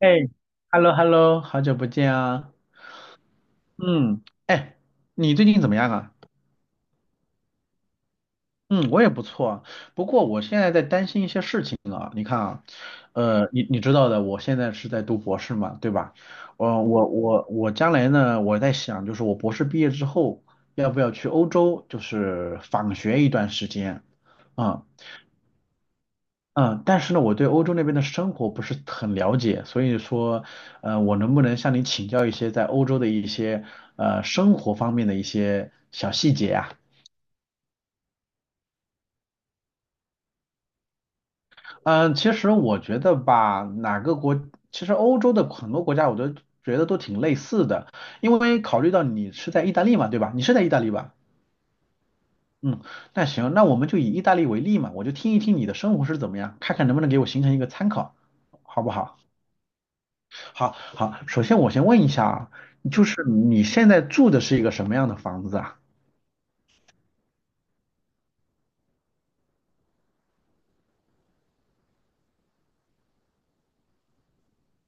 哎，hello hello，好久不见啊。嗯，哎，你最近怎么样啊？嗯，我也不错啊。不过我现在在担心一些事情啊。你看啊，你知道的，我现在是在读博士嘛，对吧？我将来呢，我在想，就是我博士毕业之后，要不要去欧洲，就是访学一段时间啊？嗯，但是呢，我对欧洲那边的生活不是很了解，所以说，我能不能向你请教一些在欧洲的一些生活方面的一些小细节啊？嗯，其实我觉得吧，哪个国，其实欧洲的很多国家我都觉得都挺类似的，因为考虑到你是在意大利嘛，对吧？你是在意大利吧？嗯，那行，那我们就以意大利为例嘛，我就听一听你的生活是怎么样，看看能不能给我形成一个参考，好不好？好好，首先我先问一下啊，就是你现在住的是一个什么样的房子啊？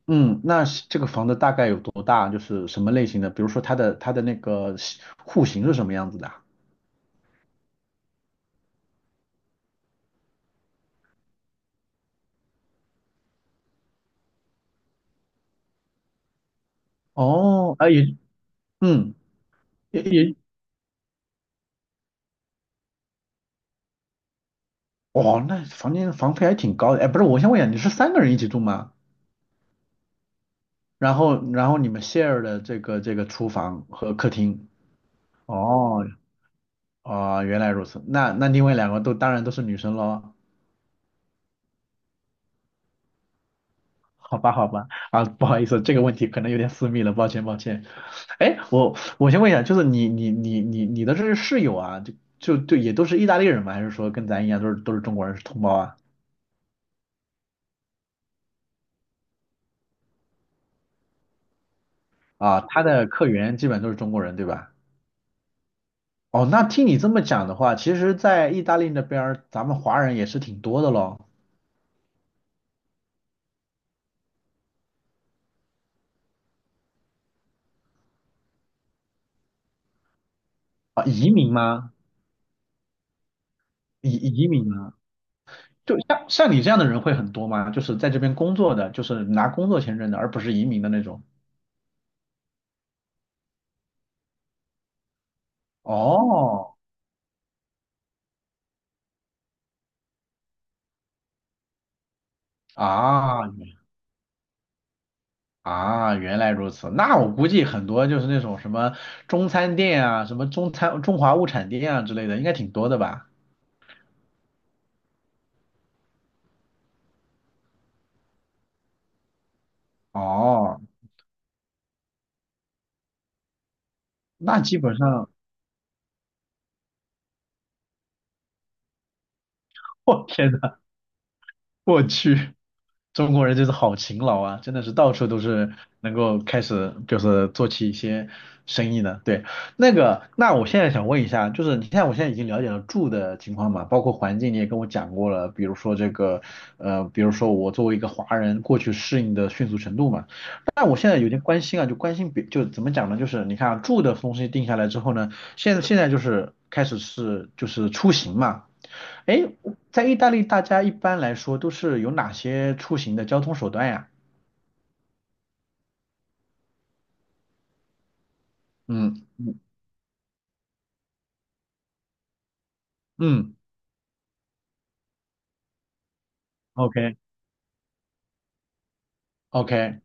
嗯，那是这个房子大概有多大？就是什么类型的？比如说它的那个系户型是什么样子的啊？哦，啊也，嗯，也也，哦，那房间房费还挺高的。哎，不是，我先问一下，你是3个人一起住吗？然后你们 share 的这个厨房和客厅。哦，哦，原来如此。那那另外两个都当然都是女生喽。好吧，好吧，啊，不好意思，这个问题可能有点私密了，抱歉，抱歉。哎，我我先问一下，就是你的这些室友啊，就也都是意大利人吗？还是说跟咱一样都是中国人，是同胞啊？啊，他的客源基本都是中国人，对吧？哦，那听你这么讲的话，其实，在意大利那边儿，咱们华人也是挺多的咯。啊，移民吗？移民吗？就像你这样的人会很多吗？就是在这边工作的，就是拿工作签证的，而不是移民的那种。哦，啊，啊，原来如此。那我估计很多就是那种什么中餐店啊，什么中餐中华物产店啊之类的，应该挺多的吧？哦，那基本上，我天 我去，中国人就是好勤劳啊，真的是到处都是能够开始就是做起一些生意的。对，那个，那我现在想问一下，就是你看我现在已经了解了住的情况嘛，包括环境你也跟我讲过了，比如说这个，比如说我作为一个华人过去适应的迅速程度嘛。那我现在有点关心啊，就关心别就怎么讲呢？就是你看啊住的东西定下来之后呢，现在就是开始是就是出行嘛。哎，在意大利，大家一般来说都是有哪些出行的交通手段呀？嗯嗯嗯，OK OK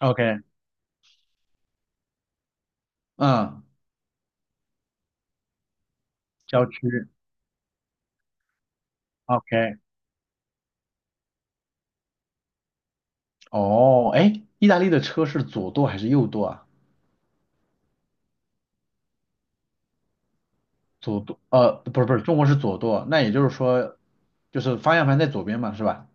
OK，嗯，郊区 OK。哦，哎，意大利的车是左舵还是右舵啊？左舵，不是不是，中国是左舵，那也就是说，就是方向盘在左边嘛，是吧？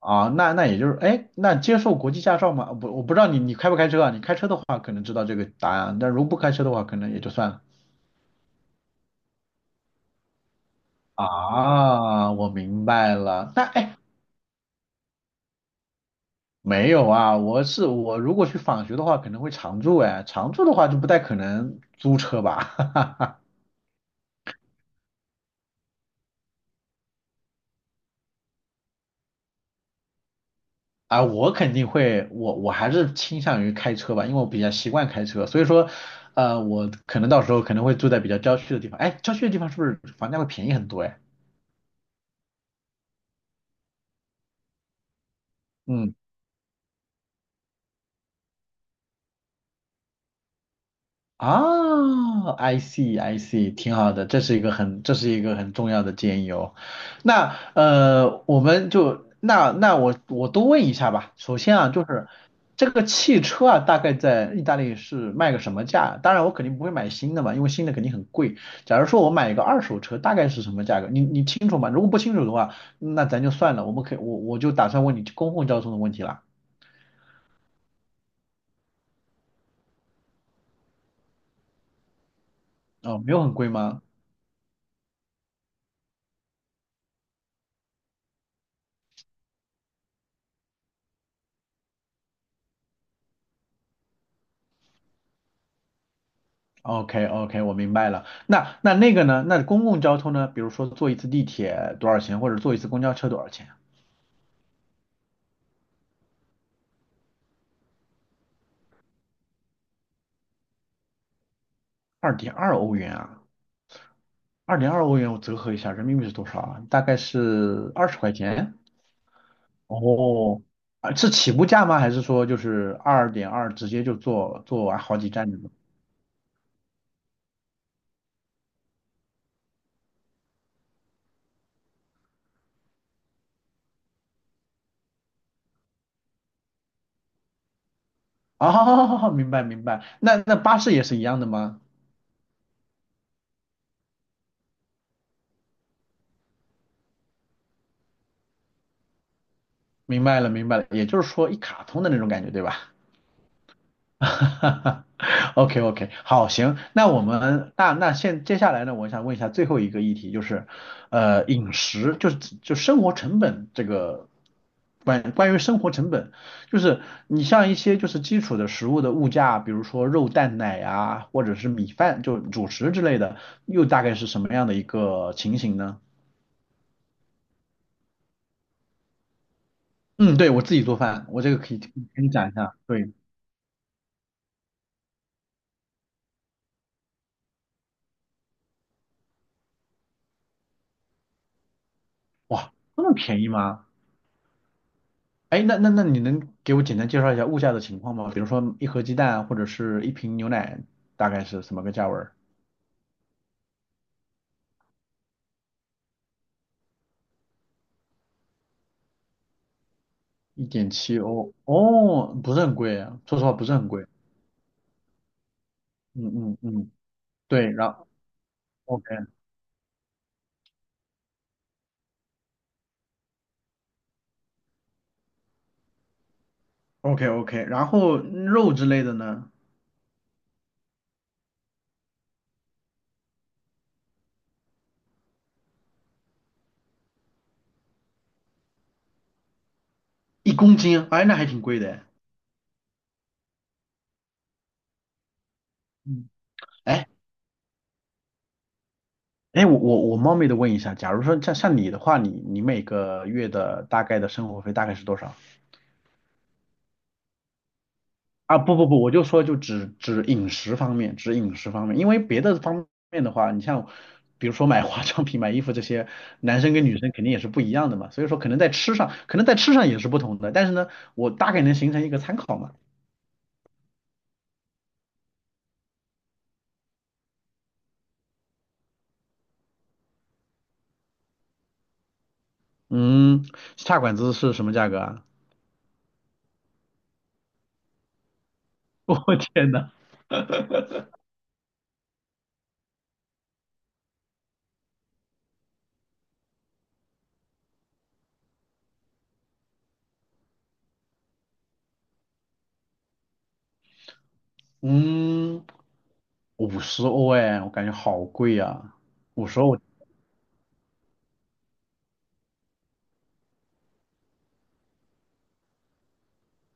啊，那也就是，哎，那接受国际驾照吗？不，我不知道你开不开车啊？你开车的话可能知道这个答案啊，但如果不开车的话，可能也就算了。啊，我明白了。那哎，没有啊，我如果去访学的话，可能会常住哎，常住的话就不太可能租车吧。哈哈。啊，我肯定会，我还是倾向于开车吧，因为我比较习惯开车，所以说，我可能到时候可能会住在比较郊区的地方。哎，郊区的地方是不是房价会便宜很多哎？嗯啊，I see I see，挺好的，这是一个很重要的建议哦。那我们就那我多问一下吧。首先啊，就是这个汽车啊，大概在意大利是卖个什么价？当然我肯定不会买新的嘛，因为新的肯定很贵。假如说我买一个二手车，大概是什么价格？你清楚吗？如果不清楚的话，那咱就算了，我们可以我就打算问你公共交通的问题了。哦，没有很贵吗？OK OK，我明白了。那那那个呢？那公共交通呢？比如说坐一次地铁多少钱，或者坐一次公交车多少钱啊？二点二欧元啊，二点二欧元我折合一下，人民币是多少啊？大概是20块钱。哦，啊，是起步价吗？还是说就是二点二直接就坐坐完好几站那种？哦，明白明白。那那巴士也是一样的吗？明白了明白了，也就是说一卡通的那种感觉，对吧？哈哈 OK OK，好，行，那我们那那接下来呢，我想问一下最后一个议题，就是饮食，就是就生活成本这个关于生活成本，就是你像一些就是基础的食物的物价，比如说肉蛋奶啊，或者是米饭，就主食之类的，又大概是什么样的一个情形呢？嗯，对，我自己做饭，我这个可以跟你讲一下。对，哇，这么便宜吗？哎，那你能给我简单介绍一下物价的情况吗？比如说一盒鸡蛋或者是一瓶牛奶，大概是什么个价位？1.7欧，哦，不是很贵啊，说实话不是很贵。嗯嗯嗯，对，然后 OK OK OK，然后肉之类的呢，一公斤，哎，那还挺贵的。嗯，哎，哎，我冒昧的问一下，假如说像你的话，你每个月的大概的生活费大概是多少？啊，不不不，我就说就只饮食方面，只饮食方面，因为别的方面的话，你像比如说买化妆品、买衣服这些，男生跟女生肯定也是不一样的嘛，所以说可能在吃上，可能在吃上也是不同的，但是呢，我大概能形成一个参考嘛。嗯，下馆子是什么价格啊？我天呐，嗯，五十欧哎，我感觉好贵啊，五十欧。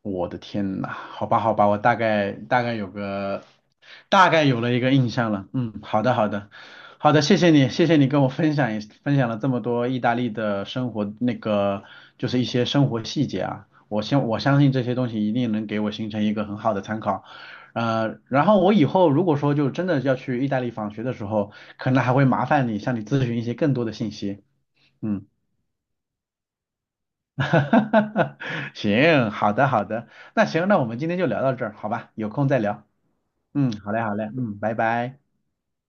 我的天呐，好吧，好吧，我大概有了一个印象了。嗯，好的，好的，好的，谢谢你，谢谢你跟我分享了这么多意大利的生活，那个就是一些生活细节啊。我相信这些东西一定能给我形成一个很好的参考。然后我以后如果说就真的要去意大利访学的时候，可能还会麻烦你向你咨询一些更多的信息。嗯。哈哈哈哈行，好的好的，那行，那我们今天就聊到这儿，好吧？有空再聊。嗯，好嘞好嘞，嗯，拜拜。